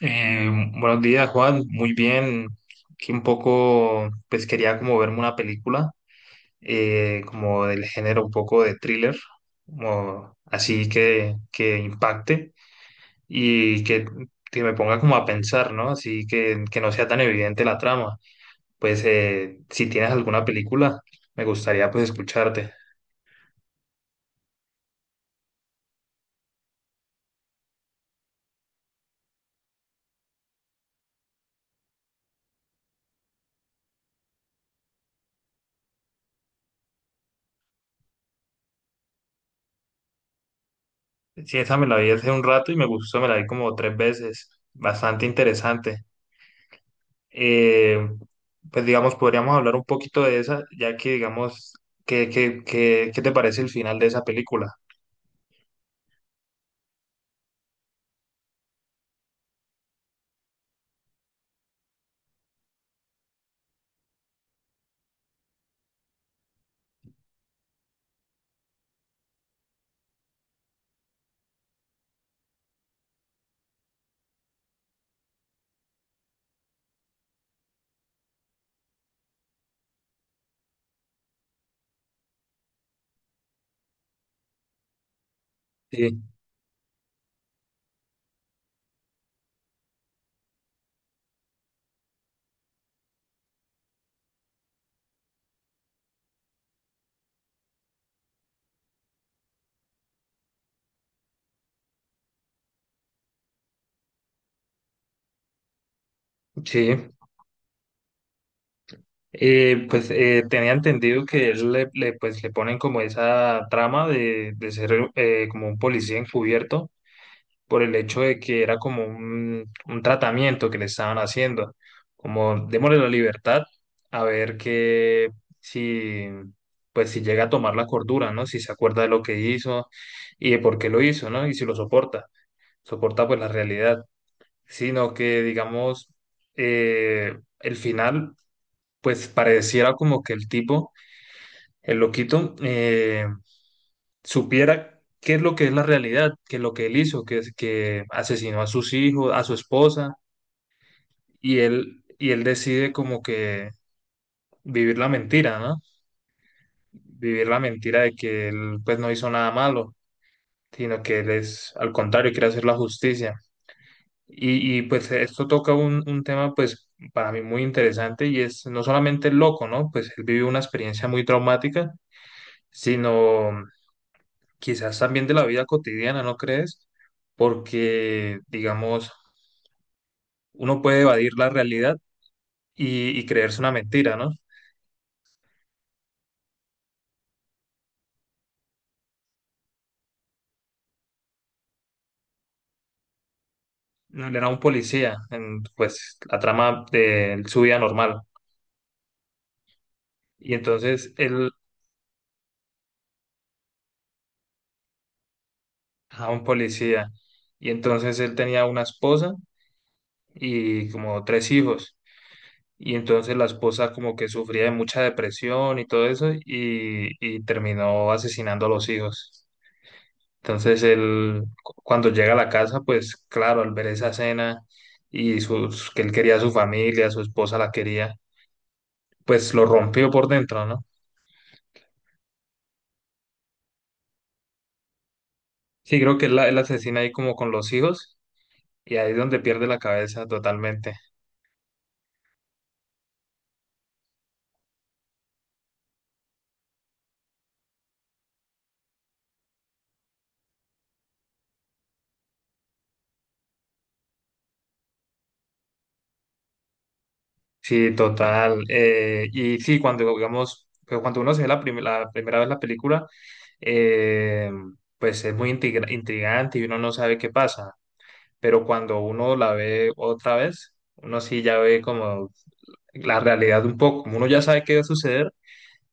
Eh, buenos días, Juan. Muy bien. Aquí un poco, pues quería como verme una película, como del género un poco de thriller, como así que, impacte y que me ponga como a pensar, ¿no? Así que no sea tan evidente la trama. Pues si tienes alguna película, me gustaría pues escucharte. Sí, esa me la vi hace un rato y me gustó, me la vi como tres veces. Bastante interesante. eh, pues digamos, podríamos hablar un poquito de esa, ya que digamos, qué te parece el final de esa película? Sí, sí. Tenía entendido que él le ponen como esa trama de, ser como un policía encubierto por el hecho de que era como un tratamiento que le estaban haciendo, como démosle la libertad a ver que si, pues si llega a tomar la cordura, ¿no? Si se acuerda de lo que hizo y de por qué lo hizo, ¿no? Y si lo soporta, soporta pues la realidad, sino que digamos, el final, pues pareciera como que el tipo, el loquito, supiera qué es lo que es la realidad, que es lo que él hizo, que, que asesinó a sus hijos, a su esposa, y él decide como que vivir la mentira, ¿no? Vivir la mentira de que él pues no hizo nada malo, sino que él es al contrario, quiere hacer la justicia. Y pues esto toca un tema pues para mí muy interesante y es no solamente el loco, ¿no? Pues él vivió una experiencia muy traumática, sino quizás también de la vida cotidiana, ¿no crees? Porque, digamos, uno puede evadir la realidad y creerse una mentira, ¿no? Era un policía en, pues, la trama de su vida normal. Y entonces él, a un policía, y entonces él tenía una esposa y como tres hijos. Y entonces la esposa como que sufría de mucha depresión y todo eso y terminó asesinando a los hijos. Entonces él, cuando llega a la casa, pues claro, al ver esa cena y sus, que él quería a su familia, su esposa la quería, pues lo rompió por dentro, ¿no? Sí, creo que él, él asesina ahí como con los hijos y ahí es donde pierde la cabeza totalmente. Sí, total. Y sí, cuando digamos, pero cuando uno se ve la, la primera vez la película, eh, pues es muy intrigante y uno no sabe qué pasa. Pero cuando uno la ve otra vez, uno sí ya ve como la realidad un poco. Como uno ya sabe qué va a suceder,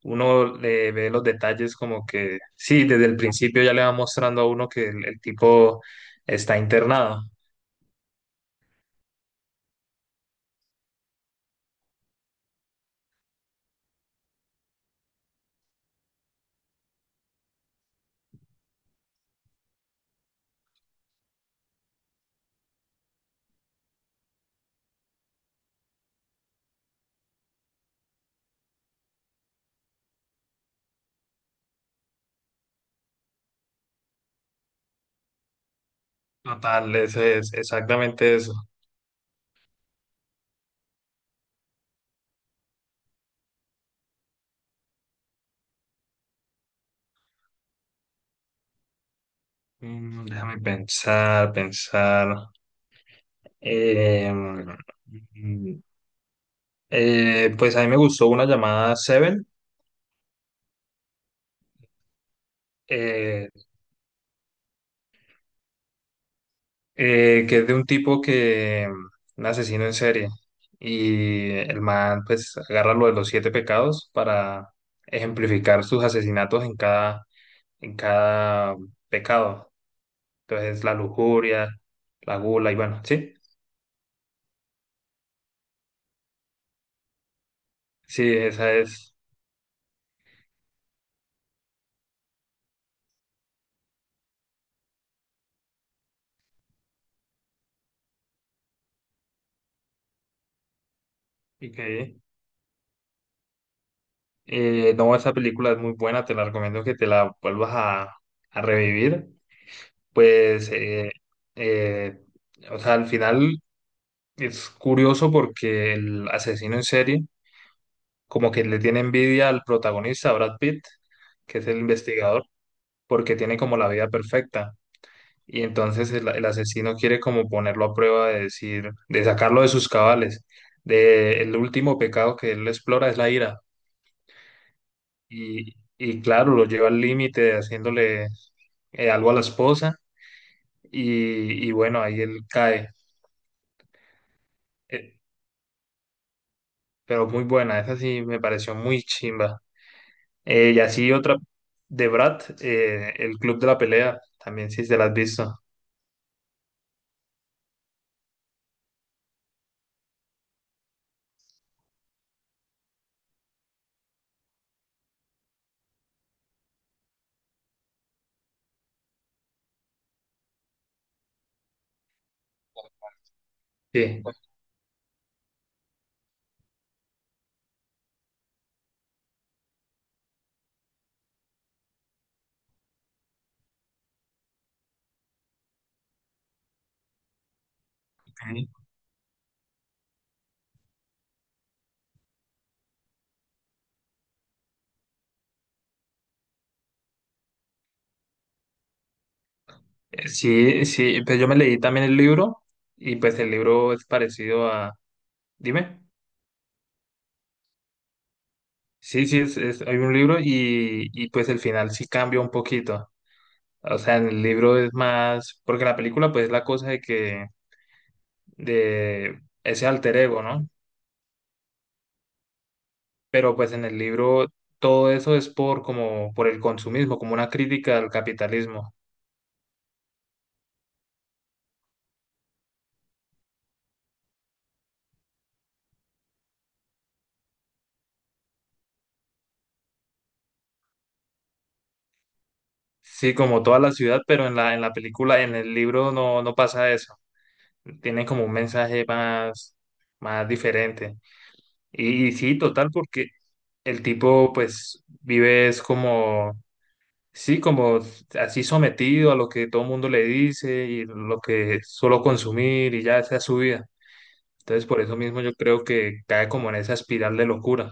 uno le ve los detalles como que, sí, desde el principio ya le va mostrando a uno que el tipo está internado. Total, eso es exactamente eso. Mm, déjame pensar. Eh, mm, pues a mí me gustó una llamada Seven. eh, que es de un tipo que, un asesino en serie, y el man pues agarra lo de los siete pecados para ejemplificar sus asesinatos en cada pecado. Entonces, la lujuria, la gula, y bueno, sí, sí, esa es. Ok. No, esa película es muy buena, te la recomiendo que te la vuelvas a revivir. Pues, eh, o sea, al final es curioso porque el asesino en serie como que le tiene envidia al protagonista, a Brad Pitt, que es el investigador, porque tiene como la vida perfecta. Y entonces el asesino quiere como ponerlo a prueba de decir, de sacarlo de sus cabales. De, el último pecado que él explora es la ira. Y claro, lo lleva al límite haciéndole algo a la esposa. Y bueno, ahí él cae. Eh, pero muy buena, esa sí me pareció muy chimba. Y así otra de Brad, El Club de la Pelea, también si se la has visto. Sí. Ok. Sí, sí, pues yo me leí también el libro y pues el libro es parecido a... Dime. Sí, sí, hay un libro y pues el final sí cambia un poquito. O sea, en el libro es más, porque en la película pues es la cosa de que, de ese alter ego, ¿no? Pero pues en el libro todo eso es por como, por el consumismo, como una crítica al capitalismo. Sí, como toda la ciudad, pero en la película, en el libro no, no pasa eso. Tienen como un mensaje más, más diferente. Y sí, total, porque el tipo pues vive es como, sí, como así sometido a lo que todo el mundo le dice y lo que solo consumir y ya esa es su vida. Entonces, por eso mismo yo creo que cae como en esa espiral de locura.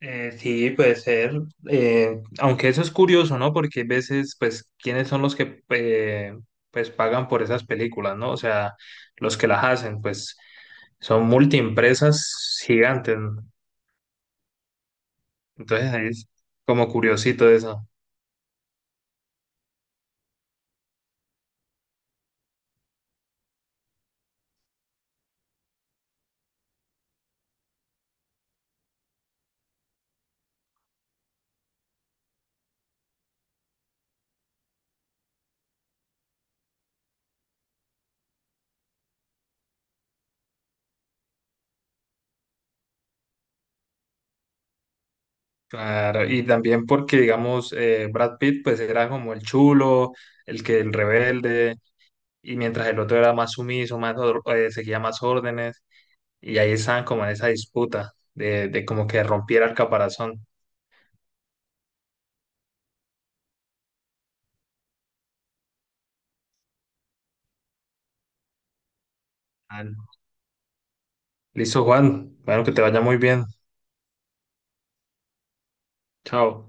Sí, puede ser. Aunque eso es curioso, ¿no? Porque hay veces, pues, ¿quiénes son los que pues pagan por esas películas, ¿no? O sea, los que las hacen, pues, son multiempresas gigantes. ¿No? Entonces, ahí es como curiosito eso. Claro, y también porque, digamos, Brad Pitt, pues, era como el chulo, el que el rebelde, y mientras el otro era más sumiso, más, seguía más órdenes. Y ahí estaban como en esa disputa de como que rompiera el caparazón. Ah, no. Listo, Juan. Bueno, que te vaya muy bien. Chao.